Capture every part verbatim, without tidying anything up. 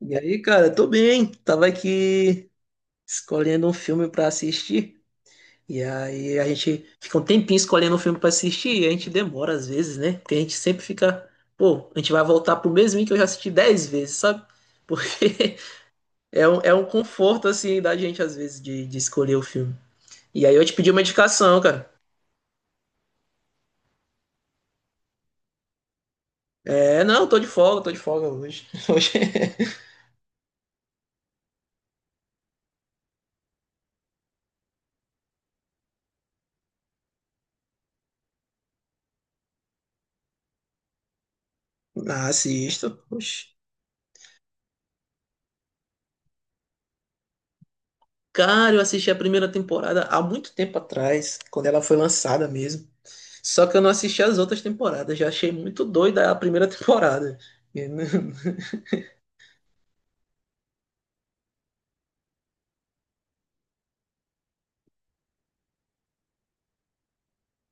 E aí, cara, tô bem. Tava aqui escolhendo um filme pra assistir. E aí a gente fica um tempinho escolhendo um filme pra assistir e a gente demora às vezes, né? Porque a gente sempre fica, pô, a gente vai voltar pro mesmo que eu já assisti dez vezes, sabe? Porque é um, é um conforto, assim, da gente às vezes de, de escolher o filme. E aí eu te pedi uma indicação, cara. É, não, tô de folga, tô de folga hoje. Hoje. Ah, assisto. Oxi. Cara, eu assisti a primeira temporada há muito tempo atrás, quando ela foi lançada mesmo. Só que eu não assisti as outras temporadas, já achei muito doida a primeira temporada. E não-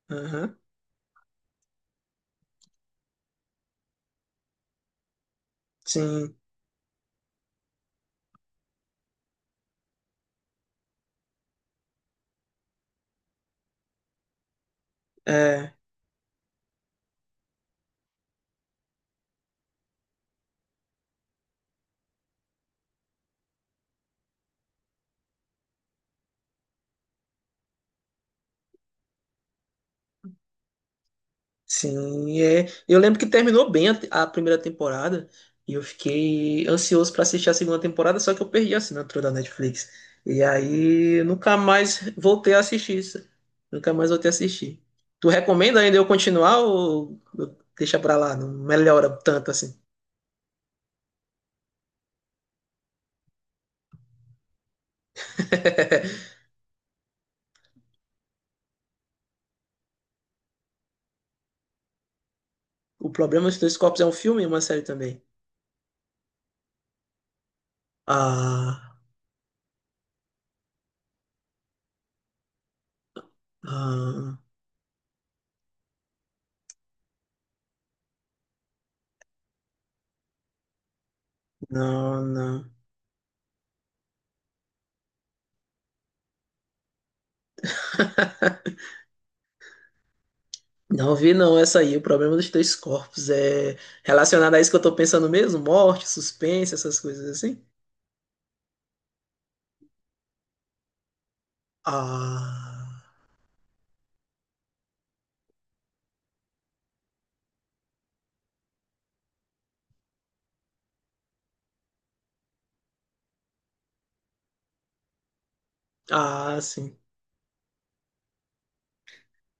Aham. Sim, é, sim, é. Eu lembro que terminou bem a, te- a primeira temporada e eu fiquei ansioso pra assistir a segunda temporada, só que eu perdi a assinatura da Netflix. E aí eu nunca mais voltei a assistir isso. Nunca mais voltei a assistir. Tu recomenda ainda eu continuar ou ou deixa pra lá? Não melhora tanto assim. O Problema dos Dois Corpos é um filme e uma série também. Ah. Ah, não, não. Não vi não essa aí. O problema dos três corpos é relacionado a isso que eu tô pensando mesmo? Morte, suspense, essas coisas assim? Ah, ah, sim,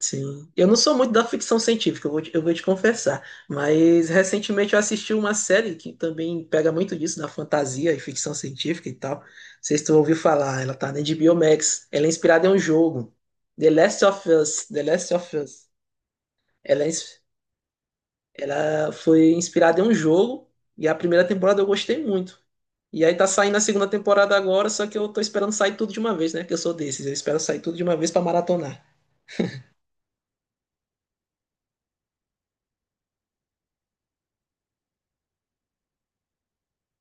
sim. Eu não sou muito da ficção científica, eu vou te, eu vou te confessar. Mas recentemente eu assisti uma série que também pega muito disso, da fantasia e ficção científica e tal. Não sei se tu ouviu falar, ela tá na H B O Max. Ela é inspirada em um jogo. The Last of Us. The Last of Us. Ela é, ins- Ela foi inspirada em um jogo e a primeira temporada eu gostei muito. E aí tá saindo a segunda temporada agora, só que eu tô esperando sair tudo de uma vez, né? Que eu sou desses, eu espero sair tudo de uma vez pra maratonar.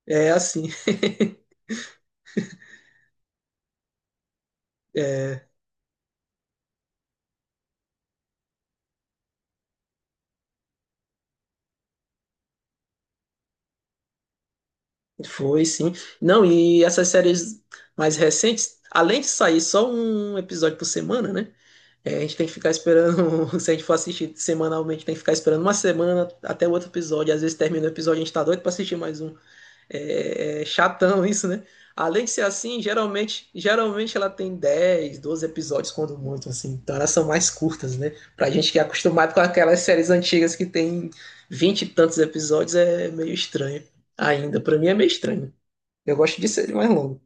É assim. É, foi sim. Não, e essas séries mais recentes, além de sair só um episódio por semana, né? É, a gente tem que ficar esperando, se a gente for assistir semanalmente, tem que ficar esperando uma semana até o outro episódio. Às vezes termina o episódio, a gente tá doido pra assistir mais um. É, é chatão isso, né? Além de ser assim, geralmente, geralmente ela tem dez doze episódios, quando muito, assim. Então elas são mais curtas, né? Pra gente que é acostumado com aquelas séries antigas que tem vinte e tantos episódios, é meio estranho ainda. Pra mim é meio estranho. Eu gosto de série mais longa.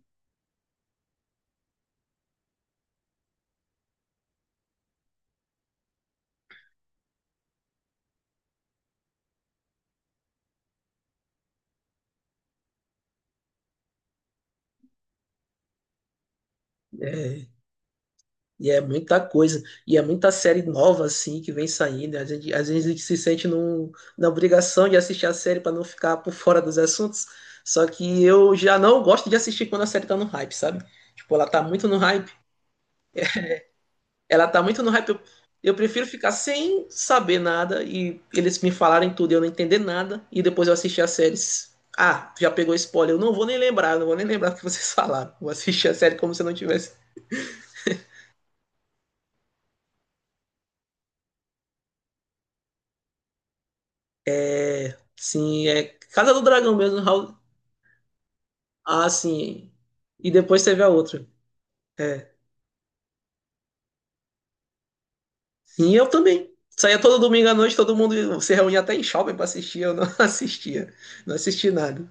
É, e é muita coisa, e é muita série nova assim que vem saindo. A gente, às vezes a gente se sente num, na obrigação de assistir a série para não ficar por fora dos assuntos. Só que eu já não gosto de assistir quando a série tá no hype, sabe? Tipo, ela tá muito no hype. Ela tá muito no hype. Eu, eu prefiro ficar sem saber nada e eles me falarem tudo e eu não entender nada. E depois eu assistir as séries. Ah, já pegou spoiler. Eu não vou nem lembrar, não vou nem lembrar o que vocês falaram. Vou assistir a série como se eu não tivesse. É, Sim, é Casa do Dragão mesmo. Ah, sim. E depois teve a outra. É. E eu também. Saía todo domingo à noite, todo mundo se reunia até em shopping pra assistir. Eu não assistia. Não assisti nada.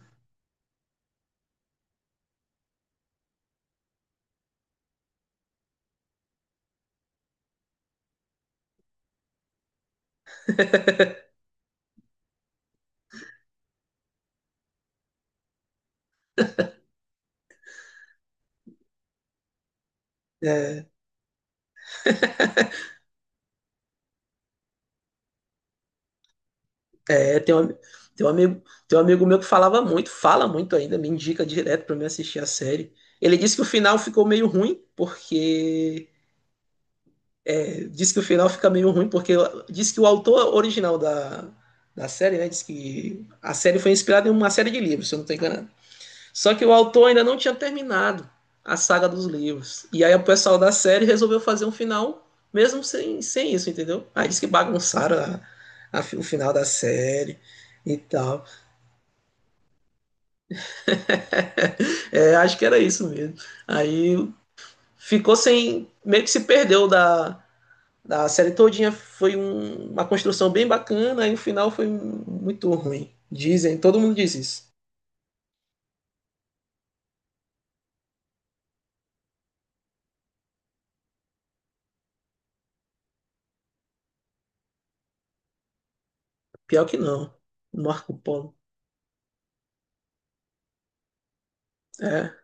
É, é tem um, ami- tem um amigo, tem um amigo meu que falava muito, fala muito ainda, me indica direto pra mim assistir a série. Ele disse que o final ficou meio ruim, porque. É, disse que o final fica meio ruim, porque disse que o autor original da, da série, né? Disse que a série foi inspirada em uma série de livros, se eu não estou enganado. Só que o autor ainda não tinha terminado a saga dos livros. E aí o pessoal da série resolveu fazer um final mesmo sem, sem isso, entendeu? Aí disse que bagunçaram a, a, o final da série e tal. É, acho que era isso mesmo. Aí ficou sem. Meio que se perdeu da, da série todinha. Foi um, uma construção bem bacana e o final foi muito ruim. Dizem, todo mundo diz isso. Pior que não. Marco Polo. É,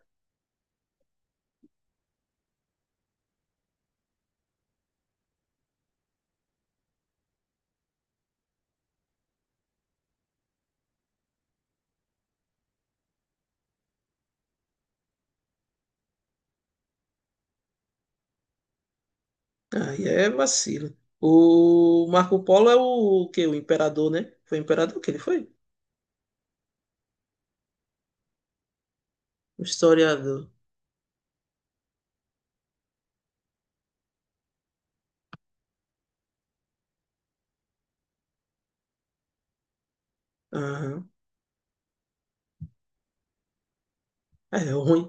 aí é vacilo. O Marco Polo é o, que o imperador, né? Foi imperador que ele foi? O historiador. Aham. É é ruim.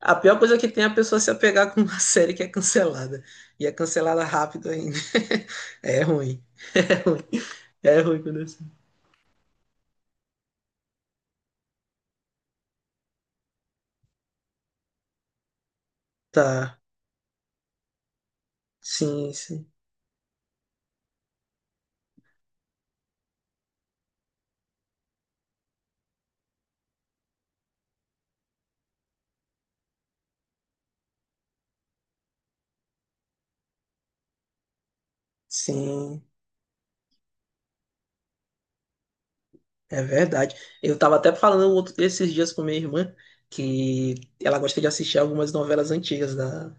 A pior coisa é que tem é a pessoa se apegar com uma série que é cancelada. E é cancelada rápido ainda. É ruim. É ruim. É ruim quando é assim. Tá. Sim, sim. Sim, é verdade. Eu tava até falando um outro, esses dias com minha irmã que ela gosta de assistir algumas novelas antigas da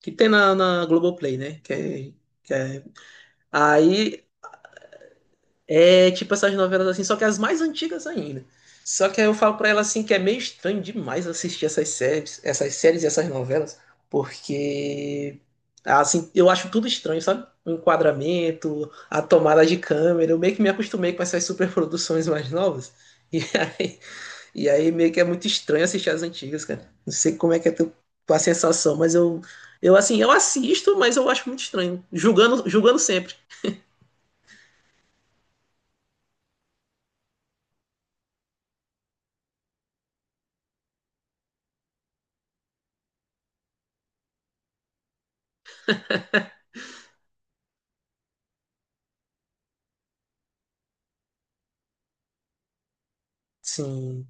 que tem na, na Globoplay, né? Que é, que é aí é tipo essas novelas assim, só que as mais antigas ainda. Só que aí eu falo pra ela assim que é meio estranho demais assistir essas séries, essas séries e essas novelas, porque assim, eu acho tudo estranho, sabe? O enquadramento, a tomada de câmera, eu meio que me acostumei com essas superproduções mais novas. E aí, e aí meio que é muito estranho assistir as antigas, cara. Não sei como é que é tu- tua sensação, mas eu eu assim, eu assisto, mas eu acho muito estranho, julgando, julgando sempre. Sim.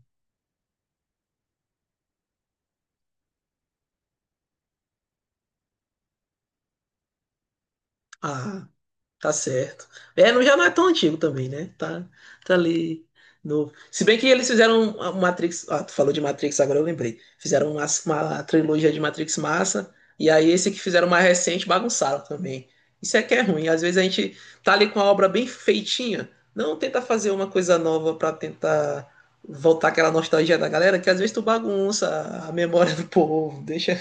Ah. Tá certo. É, não, já não é tão antigo também, né? Tá, tá ali novo. Se bem que eles fizeram uma Matrix. Ah, tu falou de Matrix, agora eu lembrei. Fizeram uma, uma trilogia de Matrix massa. E aí esse que fizeram mais recente bagunçaram também. Isso é que é ruim. Às vezes a gente tá ali com a obra bem feitinha. Não tenta fazer uma coisa nova pra tentar voltar aquela nostalgia da galera, que às vezes tu bagunça a memória do povo, deixa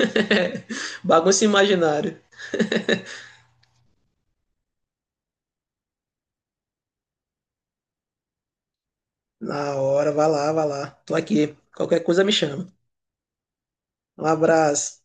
bagunça imaginário. Na hora, vai lá, vai lá. Tô aqui. Qualquer coisa me chama. Um abraço.